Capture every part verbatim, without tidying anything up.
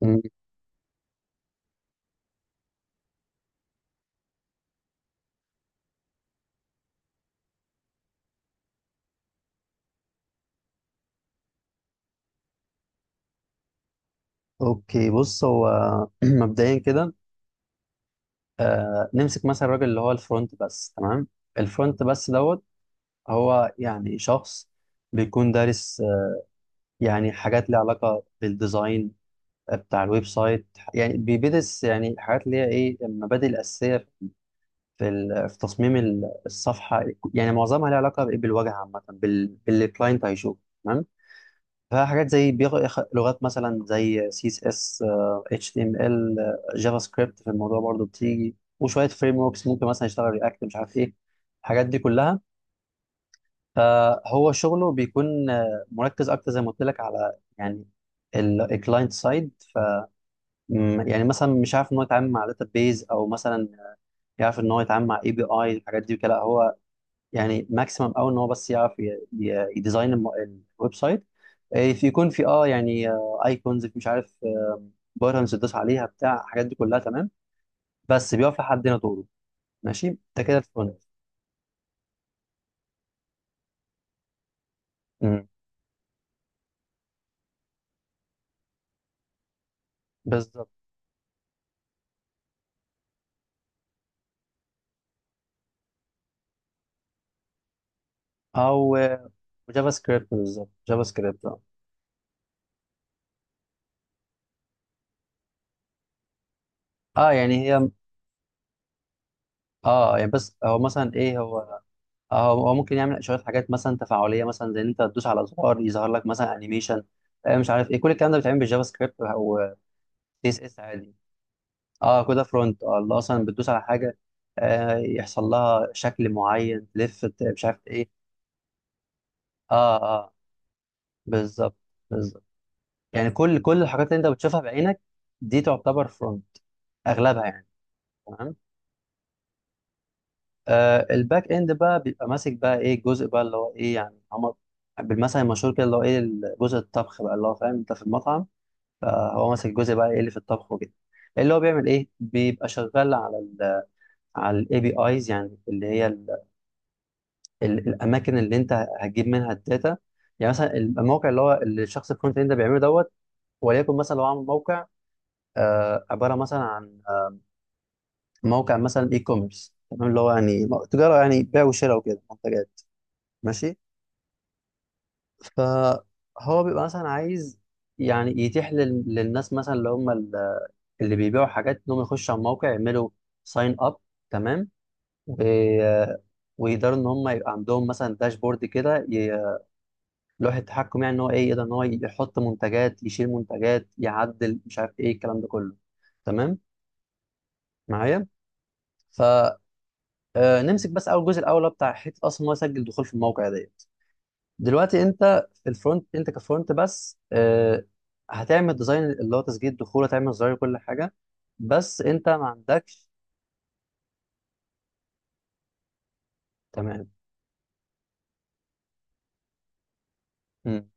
مم. اوكي بص هو مبدئيا كده. آه نمسك مثلا الراجل اللي هو الفرونت بس. تمام، الفرونت بس دوت. هو يعني شخص بيكون دارس، آه، يعني حاجات ليها علاقة بالديزاين بتاع الويب سايت. يعني بيدرس يعني حاجات اللي هي ايه المبادئ الأساسية في ال- في تصميم ال- الصفحة. يعني معظمها ليها علاقة بإيه؟ بالواجهة عامة، بال- باللي الكلاينت هيشوفه. تمام. فحاجات زي بيغ... يخ- لغات مثلا زي سي اس اس، اتش تي ام ال. جافا سكريبت في الموضوع برضو بتيجي، وشويه فريم وركس ممكن مثلا يشتغل رياكت، مش عارف ايه الحاجات دي كلها. فهو شغله بيكون، آه، مركز اكتر زي ما قلت لك على يعني الكلاينت سايد. ف م- يعني مثلا مش عارف ان هو يتعامل مع داتا بيز، او مثلا يعرف ان هو يتعامل مع اي بي اي. الحاجات دي كده هو يعني ماكسيمم قوي ان هو بس يعرف ي- ي- يديزاين الم- الويب سايت. آه، في يكون في اه يعني ايكونز، مش عارف، بارتنز تدوس عليها بتاع الحاجات دي كلها. تمام. بس بيقف لحد هنا دوره. ماشي، ده كده الفرونت. مم. بالظبط. او آه، جافا سكريبت، بالظبط، جافا سكريبت اه. آه، يعني هي اه يعني بس هو مثلا ايه هو آه، هو هو ممكن يعمل شويه حاجات مثلا تفاعليه، مثلا زي ان انت تدوس على زرار يظهر لك مثلا انيميشن، مش عارف ايه. كل الكلام ده بيتعمل بالجافا سكريبت او سي اس اس عادي. اه كده فرونت، اه اللي اصلا بتدوس على حاجه آه يحصل لها شكل معين، تلف، ت- مش عارف ايه. اه اه، بالظبط، بالظبط. يعني كل كل الحاجات اللي انت بتشوفها بعينك دي تعتبر فرونت، اغلبها يعني. تمام. آه الباك اند بقى بيبقى ماسك بقى ايه الجزء بقى اللي هو ايه يعني. هم بالمثل المشهور كده اللي هو ايه جزء الطبخ بقى، اللي هو فاهم انت في المطعم. فهو ماسك الجزء بقى ايه اللي في الطبخ وكده. اللي هو بيعمل ايه، بيبقى شغال على ال على الاي بي ايز، يعني اللي هي ال- الاماكن اللي انت هتجيب منها الداتا. يعني مثلا الموقع اللي هو اللي الشخص الكونتنت اللي انت بيعمله دوت. وليكن مثلا لو عامل موقع، آه، عباره مثلا عن، آه، موقع مثلا اي كوميرس. تمام، اللي هو يعني م- تجاره، يعني بيع وشراء وكده منتجات. ماشي. فهو بيبقى مثلا عايز يعني يتيح لل- للناس مثلا اللي هم ال- اللي بيبيعوا حاجات انهم يخشوا على الموقع يعملوا ساين اب. تمام. و- ويقدروا ان هم يبقى عندهم مثلا داشبورد كده، لوحة تحكم، يعني ان هو ايه يقدر ان هو يحط منتجات، يشيل منتجات، يعدل، مش عارف ايه الكلام ده كله. تمام، معايا. فنمسك بس اول جزء الاول اللي هو بتاع حته اصلا إن هو يسجل دخول في الموقع ديت. دلوقتي انت في الفرونت، انت كفرونت بس، آه، هتعمل ديزاين اللي هو تسجيل الدخول، هتعمل زرار كل حاجه، بس انت ما عندكش. تمام. مم.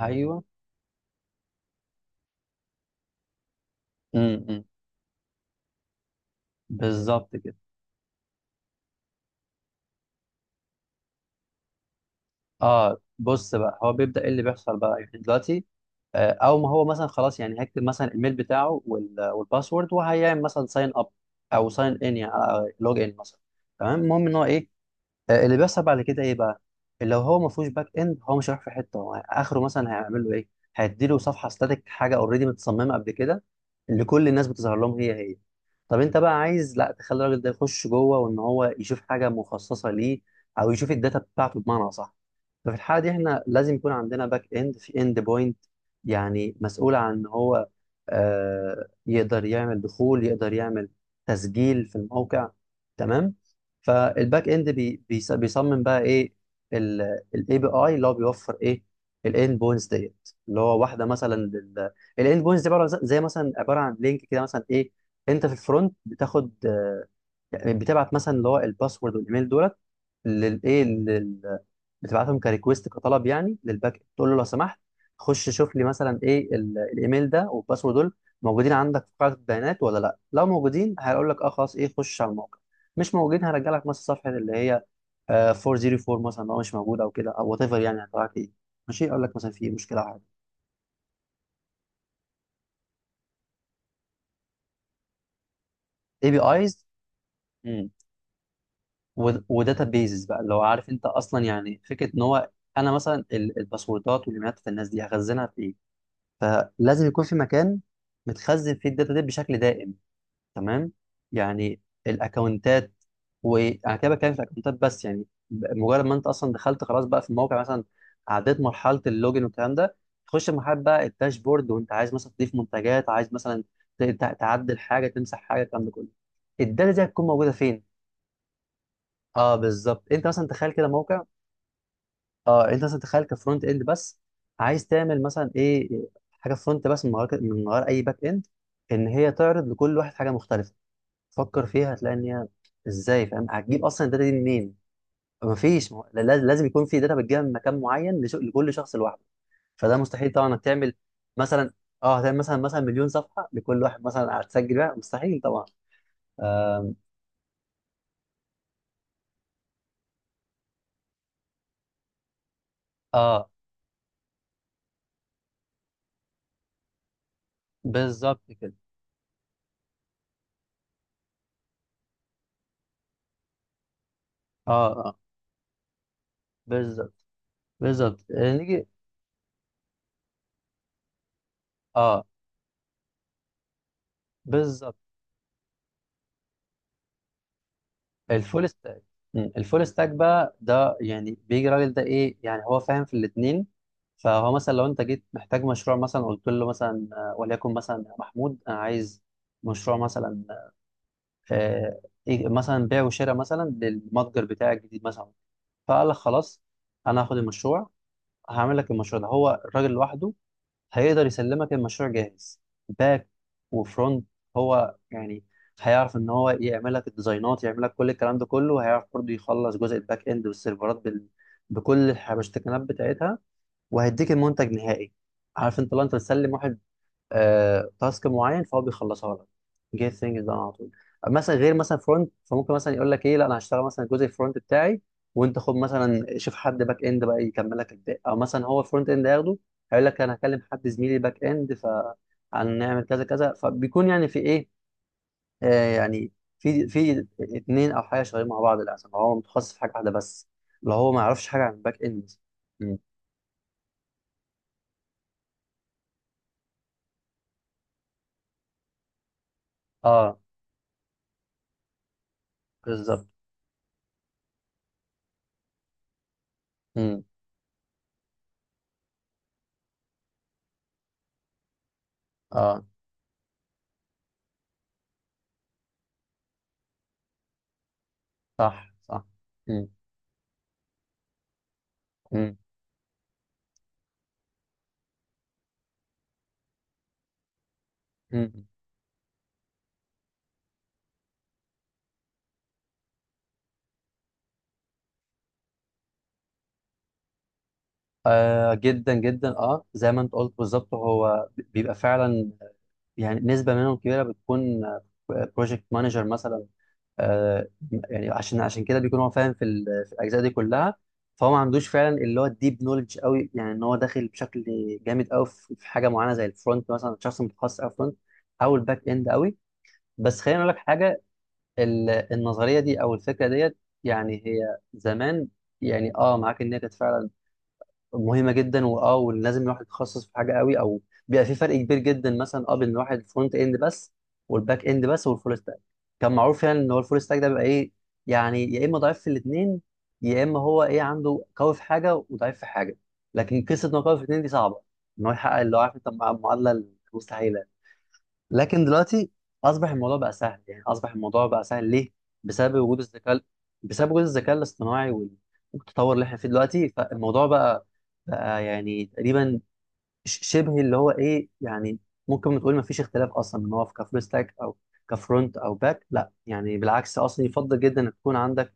ايوه. مم. مم. بالظبط كده. اه بص بقى، هو بيبدأ ايه اللي بيحصل بقى يعني دلوقتي، آه، او ما هو مثلا خلاص، يعني هيكتب مثلا الميل بتاعه وال- والباسورد وهيعمل مثلا ساين اب او ساين ان، يعني لوج ان مثلا. تمام، المهم ان هو ايه آه، اللي بيحصل بعد كده ايه بقى. لو هو ما فيهوش باك اند، هو مش هيروح في حته، هو اخره مثلا هيعمل له ايه، هيديله صفحه ستاتيك، حاجه اوريدي متصممه قبل كده، اللي كل الناس بتظهر لهم هي هي. طب انت بقى عايز لا، تخلي الراجل ده يخش جوه وان هو يشوف حاجه مخصصه ليه، او يشوف الداتا بتاعته، بمعنى صح. ففي الحاله دي احنا لازم يكون عندنا باك اند، في اند بوينت يعني مسؤول عن ان هو آه يقدر يعمل دخول، يقدر يعمل تسجيل في الموقع. تمام. فالباك اند بي بيص- بيصمم بقى ايه الاي بي اي اللي هو بيوفر ايه الاند بوينتس ديت. اللي هو واحده مثلا الاند بوينتس دي عباره زي مثلا، عباره عن لينك كده مثلا ايه. انت في الفرونت بتاخد، يعني بتبعت مثلا اللي هو الباسورد والايميل دولت للايه لل... بتبعتهم كريكويست كطلب يعني للباك إند، تقول له لو سمحت خش شوف لي مثلا ايه ال- الايميل ده والباسورد دول موجودين عندك في قاعده البيانات ولا لا. لو موجودين هيقول لك اه خلاص ايه خش على الموقع، مش موجودين هرجع لك مثلا صفحه اللي هي آه، فور او فور مثلا لو مش موجوده، او كده، او وات ايفر يعني هتبعت ايه ماشي، اقول لك مثلا في مشكله او حاجه. اي بي ايز وداتا بيزز بقى، اللي هو عارف انت اصلا يعني فكره ان هو انا مثلا ال- الباسوردات والايميلات بتاع الناس دي هخزنها في ايه. فلازم يكون في مكان متخزن فيه الداتا دي بشكل دائم. تمام، يعني الاكونتات. وانا كده بتكلم في الاكونتات بس، يعني ب- مجرد ما انت اصلا دخلت خلاص بقى في الموقع مثلا، عديت مرحله اللوجن والكلام ده، تخش مرحله بقى الداشبورد، وانت عايز مثلا تضيف منتجات، عايز مثلا ت- ت- تعدل حاجه، تمسح حاجه، الكلام ده كله، الداتا دي هتكون موجوده فين. اه بالظبط، انت مثلا تخيل كده موقع. اه انت مثلا تخيل كفرونت اند بس، عايز تعمل مثلا ايه، حاجه فرونت بس من غير من غير اي باك اند، ان هي تعرض لكل واحد حاجه مختلفه. فكر فيها هتلاقي ان هي ازاي، فاهم، هتجيب اصلا الداتا دي منين. مفيش، ما هو لا- لازم يكون في داتا بتجيبها من مكان معين لش- لكل شخص لوحده. فده مستحيل طبعا انك تعمل مثلا، اه هتعمل مثلا مثلا مليون صفحه لكل واحد مثلا هتسجل بيها، مستحيل طبعا. اه, آه بالظبط كده. اه اه، بالظبط، بالظبط. آه، نيجي اه بالظبط. الفول ستاك. مم. الفول ستاك بقى ده، يعني بيجي راجل ده ايه يعني هو فاهم في الاثنين. فهو مثلا لو انت جيت محتاج مشروع مثلا قلت له مثلا، آه، وليكن مثلا يا محمود انا عايز مشروع مثلا، آه إيه مثلا بيع وشراء مثلا للمتجر بتاعي الجديد مثلا. فقال لك خلاص انا هاخد المشروع، هعمل لك المشروع ده هو الراجل لوحده، هيقدر يسلمك المشروع جاهز، باك وفرونت. هو يعني هيعرف ان هو يعمل لك الديزاينات، يعمل لك كل الكلام ده كله، وهيعرف برضه يخلص جزء الباك اند والسيرفرات بال... بكل الحبشتكنات بتاعتها، وهيديك المنتج نهائي. عارف انت لو انت بتسلم واحد آه، تاسك معين، فهو بيخلصها لك جيت ثينجز ده على طول. مثلا غير مثلا فرونت، فممكن مثلا يقول لك ايه لا انا هشتغل مثلا الجزء الفرونت بتاعي، وانت خد مثلا شوف حد باك اند بقى يكمل لك الباقي، او مثلا هو الفرونت اند هياخده هيقول لك انا هكلم حد زميلي باك اند فهنعمل كذا كذا، فبيكون يعني في ايه آه يعني في في اتنين او حاجه شغالين مع بعض. للاسف هو متخصص في حاجه واحده بس، لو هو ما يعرفش حاجه عن الباك اند. م. اه بالظبط. م. اه صح صح. م. م. مم. آه جدا جدا، اه زي ما انت قلت بالظبط، هو بيبقى فعلا يعني نسبة منهم كبيرة بتكون بروجكت مانجر مثلا. آه يعني عشان عشان كده بيكون هو فاهم في, ال- في الاجزاء دي كلها، فهو ما عندوش فعلا اللي هو الديب نولج قوي، يعني ان هو داخل بشكل جامد قوي في في حاجة معينة زي الفرونت مثلا، شخص متخصص قوي فرونت، او الباك اند قوي. بس خليني اقول لك حاجة، ال- النظرية دي او الفكرة ديت، يعني هي زمان يعني اه معاك ان هي كانت فعلا مهمه جدا، واه ولازم الواحد يتخصص في حاجه قوي، او بيبقى في فرق كبير جدا مثلا اه بين الواحد فرونت اند بس، والباك اند بس، والفول ستاك. كان معروف يعني ان هو الفول ستاك ده بيبقى ايه يعني يا اما ضعيف في الاثنين، يا اما هو ايه عنده قوي في حاجه وضعيف في حاجه. لكن قصه انه قوي في الاثنين دي صعبه ان هو يحقق، اللي هو عارف انت المعادله المستحيله. لكن دلوقتي اصبح الموضوع بقى سهل، يعني اصبح الموضوع بقى سهل ليه؟ بسبب وجود الذكاء، بسبب وجود الذكاء الاصطناعي وال- والتطور اللي احنا فيه دلوقتي. فالموضوع بقى بقى يعني تقريبا ش- شبه اللي هو ايه يعني ممكن نقول ما فيش اختلاف اصلا ان هو في كفول ستاك او كفرونت او باك. لا يعني بالعكس، اصلا يفضل جدا ان تكون عندك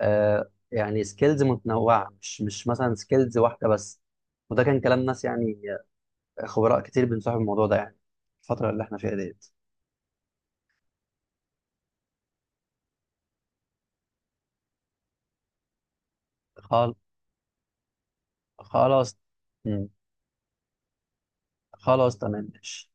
آه يعني سكيلز متنوعه، مش مش مثلا سكيلز واحده بس. وده كان كلام ناس يعني آه، خبراء كتير بنصحوا الموضوع ده يعني الفتره اللي احنا فيها ديت. خلاص. مم. خلاص تمام، ماشي.